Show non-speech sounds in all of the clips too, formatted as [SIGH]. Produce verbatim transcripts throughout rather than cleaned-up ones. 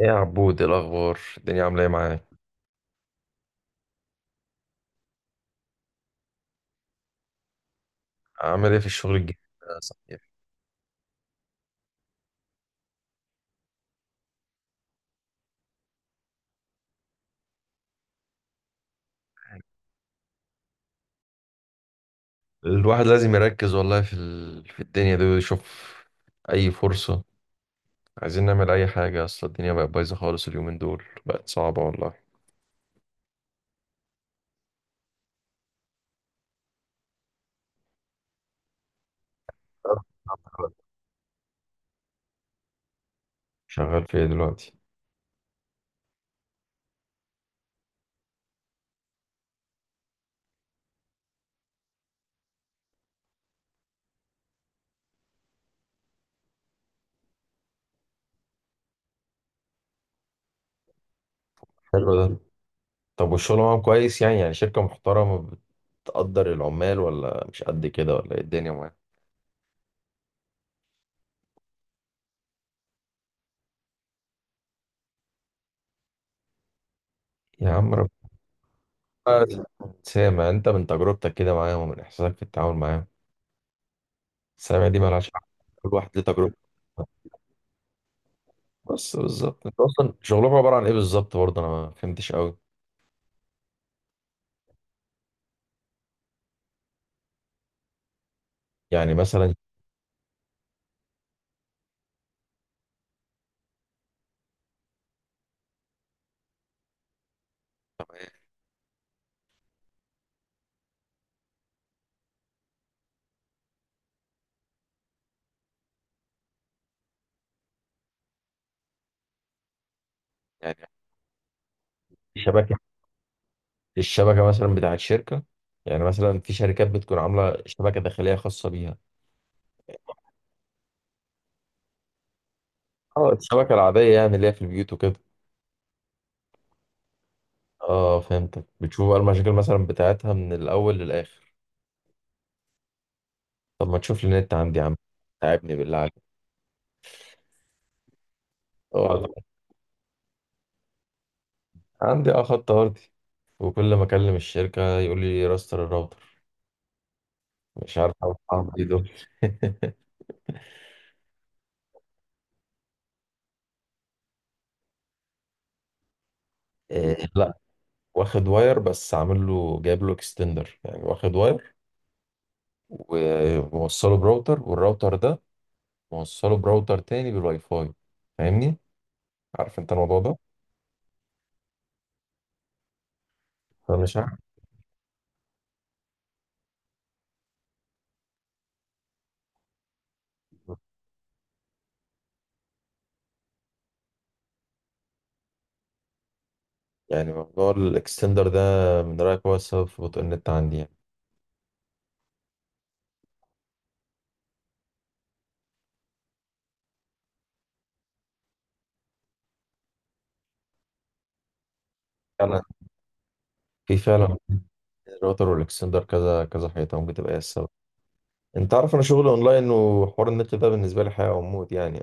ايه يا عبود، إيه الاخبار؟ الدنيا عامله ايه معاك؟ عامل ايه في الشغل الجديد؟ ده صحيح؟ الواحد لازم يركز والله في ال... في الدنيا دي ويشوف اي فرصه. عايزين نعمل اي حاجه، اصل الدنيا بقت بايظه خالص، اليومين دول بقت صعبه والله. شغال في ايه دلوقتي؟ حلو ده. طب والشغل معاهم كويس، يعني يعني شركه محترمه؟ بتقدر العمال ولا مش قد كده، ولا ايه الدنيا معاك؟ يا عم ربنا. سامع انت من تجربتك كده معاهم ومن احساسك في التعامل معاهم، سامع دي مالهاش حل؟ كل واحد ليه تجربته. بس بالظبط، انت اصلا شغلكم عباره عن ايه بالظبط؟ برضه انا ما فهمتش قوي. يعني مثلا؟ يعني في شبكه، الشبكه مثلا بتاعت شركه، يعني مثلا في شركات بتكون عامله شبكه داخليه خاصه بيها؟ اه الشبكه العاديه، يعني اللي هي في البيوت وكده؟ اه، فهمتك. بتشوف بقى المشاكل مثلا بتاعتها من الاول للاخر؟ طب ما تشوف لي النت عندي يا عم، تعبني بالله عليك. اه، عندي اه خط ارضي، وكل ما اكلم الشركه يقول لي راستر الراوتر، مش عارف اعمل ايه دول. [LAUGHS] إيه، لا. واخد واير بس عامل له جايب له اكستندر، يعني واخد واير وموصله براوتر، والراوتر ده موصله براوتر تاني بالواي فاي. فاهمني؟ عارف انت الموضوع ده. فمش عارف. يعني موضوع الاكستندر ده، من رأيك هو السبب في بطء النت عندي يعني؟ انا، في فعلا، الراوتر والاكستندر كذا كذا حيطه، ممكن تبقى هي السبب. انت عارف انا شغلي اونلاين، وحوار النت ده بالنسبه لي حياه وموت يعني.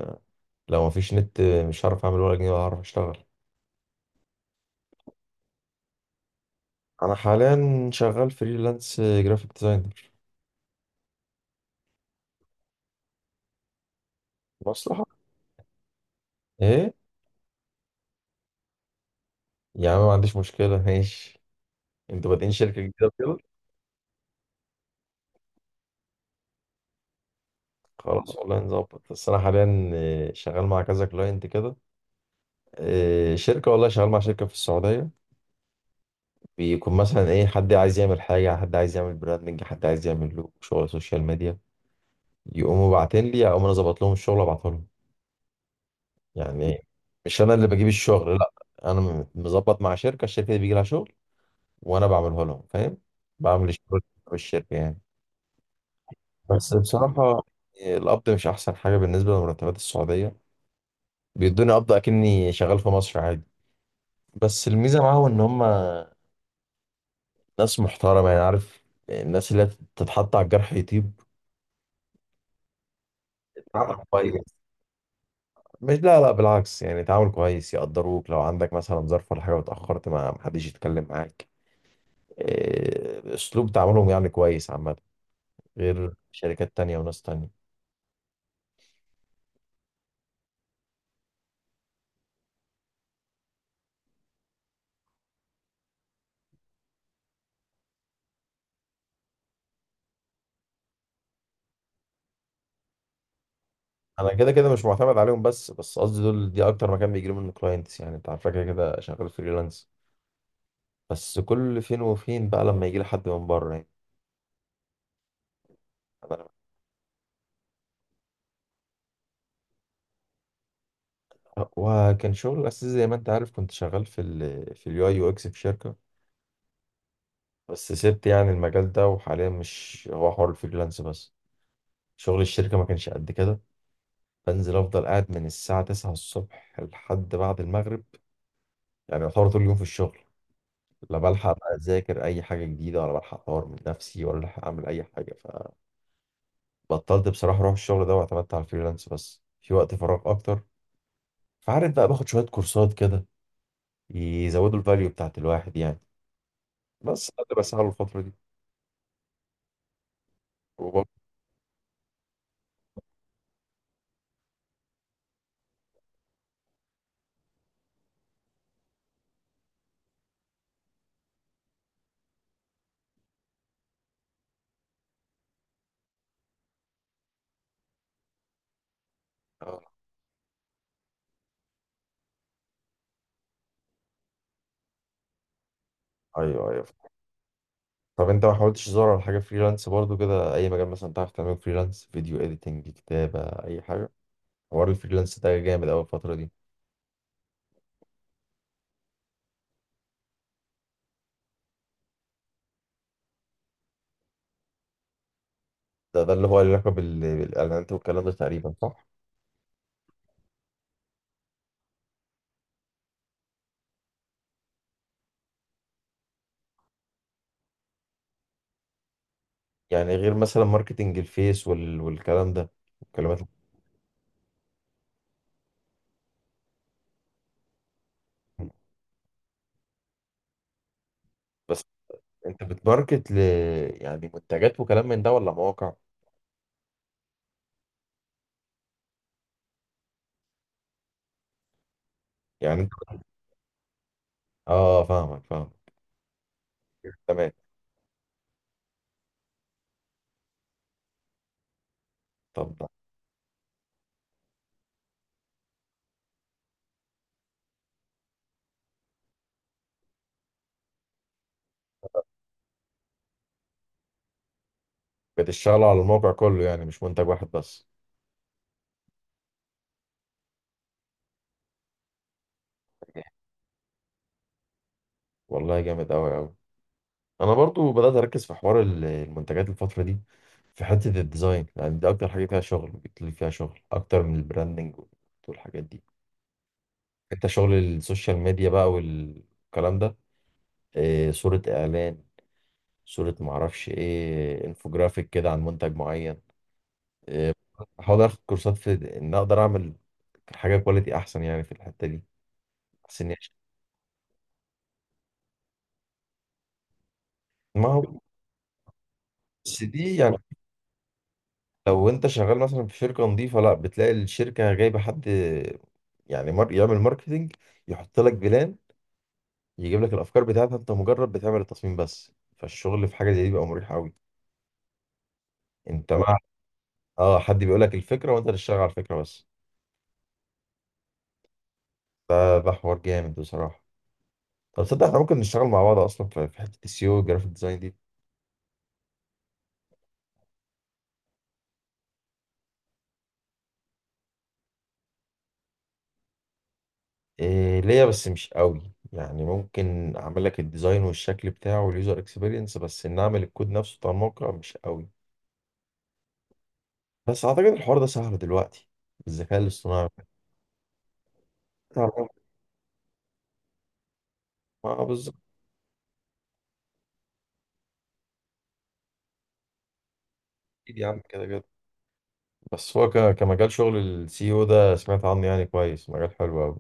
لو مفيش نت مش هعرف اعمل ولا جنيه ولا هعرف اشتغل. انا حاليا شغال فريلانس جرافيك ديزاينر. مصلحة. ايه؟ يا عم ما عنديش مشكلة، ماشي. انتوا بادئين شركة جديدة كده؟ خلاص والله نظبط. بس انا حاليا آه، شغال مع كذا كلاينت كده، آه، شركة والله شغال مع شركة في السعودية. بيكون مثلا ايه، حد عايز يعمل حاجة، حد عايز يعمل براندنج، حد عايز يعمل له شغل سوشيال ميديا، يقوموا باعتين لي اقوم انا ظبط لهم الشغل وابعته لهم. يعني إيه؟ مش انا اللي بجيب الشغل لا. انا م- مظبط مع شركة، الشركة دي بيجي لها شغل وانا بعمله لهم، فاهم؟ بعمل الشغل بالشركة يعني. بس بصراحة، آه، القبض مش أحسن حاجة بالنسبة لمرتبات السعودية. بيدوني قبض أكني شغال في مصر عادي. بس الميزة معاهم إن هما ناس محترمة، يعني عارف؟ آه، الناس اللي تتحط على الجرح يطيب. تعامل كويس. مش، لا لا، بالعكس يعني تعامل كويس، يقدروك لو عندك مثلا ظرف ولا حاجة واتأخرت ما محدش يتكلم معاك. إيه، أسلوب تعاملهم يعني كويس عامة، غير شركات تانية وناس تانية. أنا كده كده مش معتمد عليهم، بس بس قصدي دول دي أكتر مكان بيجيلي منه كلاينتس، يعني أنت عارفة كده كده شغال فريلانس. بس كل فين وفين بقى لما يجي لي حد من بره يعني. أنا- وكان شغل الأساس زي ما أنت عارف كنت شغال في ال في اليو أي يو إكس في شركة. بس سبت يعني المجال ده، وحاليا مش هو حوار الفريلانس بس، شغل الشركة ما كانش قد كده. بنزل أفضل قاعد من الساعة تسعة الصبح لحد بعد المغرب، يعني يعتبر طول اليوم في الشغل. لا بلحق بقى أذاكر أي حاجة جديدة، ولا بلحق أطور من نفسي، ولا بلحق أعمل أي حاجة. فبطلت بصراحة أروح الشغل ده، واعتمدت على الفريلانس بس في وقت فراغ أكتر. فعارف بقى باخد شوية كورسات كده، يزودوا الفاليو بتاعت الواحد يعني. بس ده اللي بسعى له الفترة دي. وبرضه آه، ايوه، ايوه. طب انت ما حاولتش تدور على حاجة فريلانس برضه كده؟ اي مجال مثلا تعرف تعمله فريلانس، فيديو اديتنج، كتابة، اي حاجة. حوار الفريلانس ده جامد قوي الفترة دي. ده ده اللي هو له علاقة بال- بالاعلانات والكلام ده تقريبا، صح؟ يعني غير مثلا ماركتنج الفيس وال... والكلام ده، والكلمات ال- بس انت بتماركت ل يعني منتجات وكلام من ده ولا مواقع؟ يعني انت، اه، فاهمك فاهمك. تمام. طب بتشتغلوا على الموقع كله، يعني مش منتج واحد بس؟ والله جامد قوي قوي. انا برضو بدات اركز في حوار ال- المنتجات الفتره دي. في حته الديزاين يعني، دي اكتر حاجه فيها شغل، بتلاقي فيها شغل اكتر من البراندنج والحاجات دي. انت شغل السوشيال ميديا بقى والكلام ده، إيه، صوره اعلان، صوره معرفش ايه، انفوجرافيك كده عن منتج معين، إيه. احاول اخد كورسات في ان اقدر اعمل حاجه كواليتي احسن يعني في الحته دي، احسن يعني. ما هو بس دي يعني، لو انت شغال مثلا في شركه نظيفه، لا بتلاقي الشركه جايبه حد يعني مار... يعمل ماركتينج، يحط لك بلان، يجيب لك الافكار بتاعتها، انت مجرد بتعمل التصميم بس، فالشغل في حاجه زي دي بيبقى مريح قوي. انت مع، اه، حد بيقول لك الفكره وانت تشتغل على الفكره بس. ده ده حوار جامد بصراحه. طب تصدق احنا ممكن نشتغل مع بعض اصلا في في حته السيو والجرافيك ديزاين دي؟ إيه ليا، بس مش قوي يعني، ممكن اعمل لك الديزاين والشكل بتاعه واليوزر اكسبيرينس، بس ان اعمل الكود نفسه بتاع الموقع مش قوي. بس اعتقد الحوار ده سهل دلوقتي بالذكاء الاصطناعي. تعرف- اه، بالظبط. اكيد يا عم كده كده. بس هو ك... كمجال، شغل السي او ده سمعت عنه يعني كويس، مجال حلو قوي.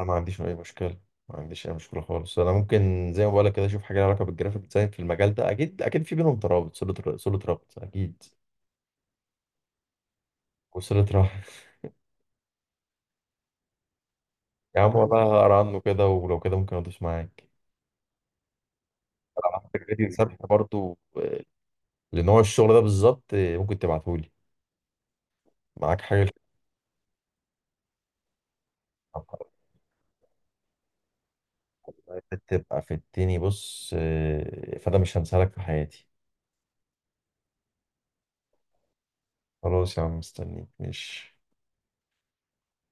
انا ما عنديش اي مشكله. ما عنديش اي مشكله خالص، انا ممكن زي ما بقولك كده اشوف حاجه لها علاقه بالجرافيك ديزاين في المجال ده، اكيد اكيد في بينهم ترابط، صله ر- صله ربط اكيد. وصله رحم. [LAUGHS] يا عم والله هقرا عنه كده، ولو كده ممكن ادوس معاك. انا عندك فيديو سبح برضه، آه، لنوع الشغل ده بالظبط، آه، ممكن تبعتهولي معاك حاجه؟ بتبقى في التاني بص، آه، فده مش هنسالك في حياتي. خلاص يا عم مستنيك، ماشي.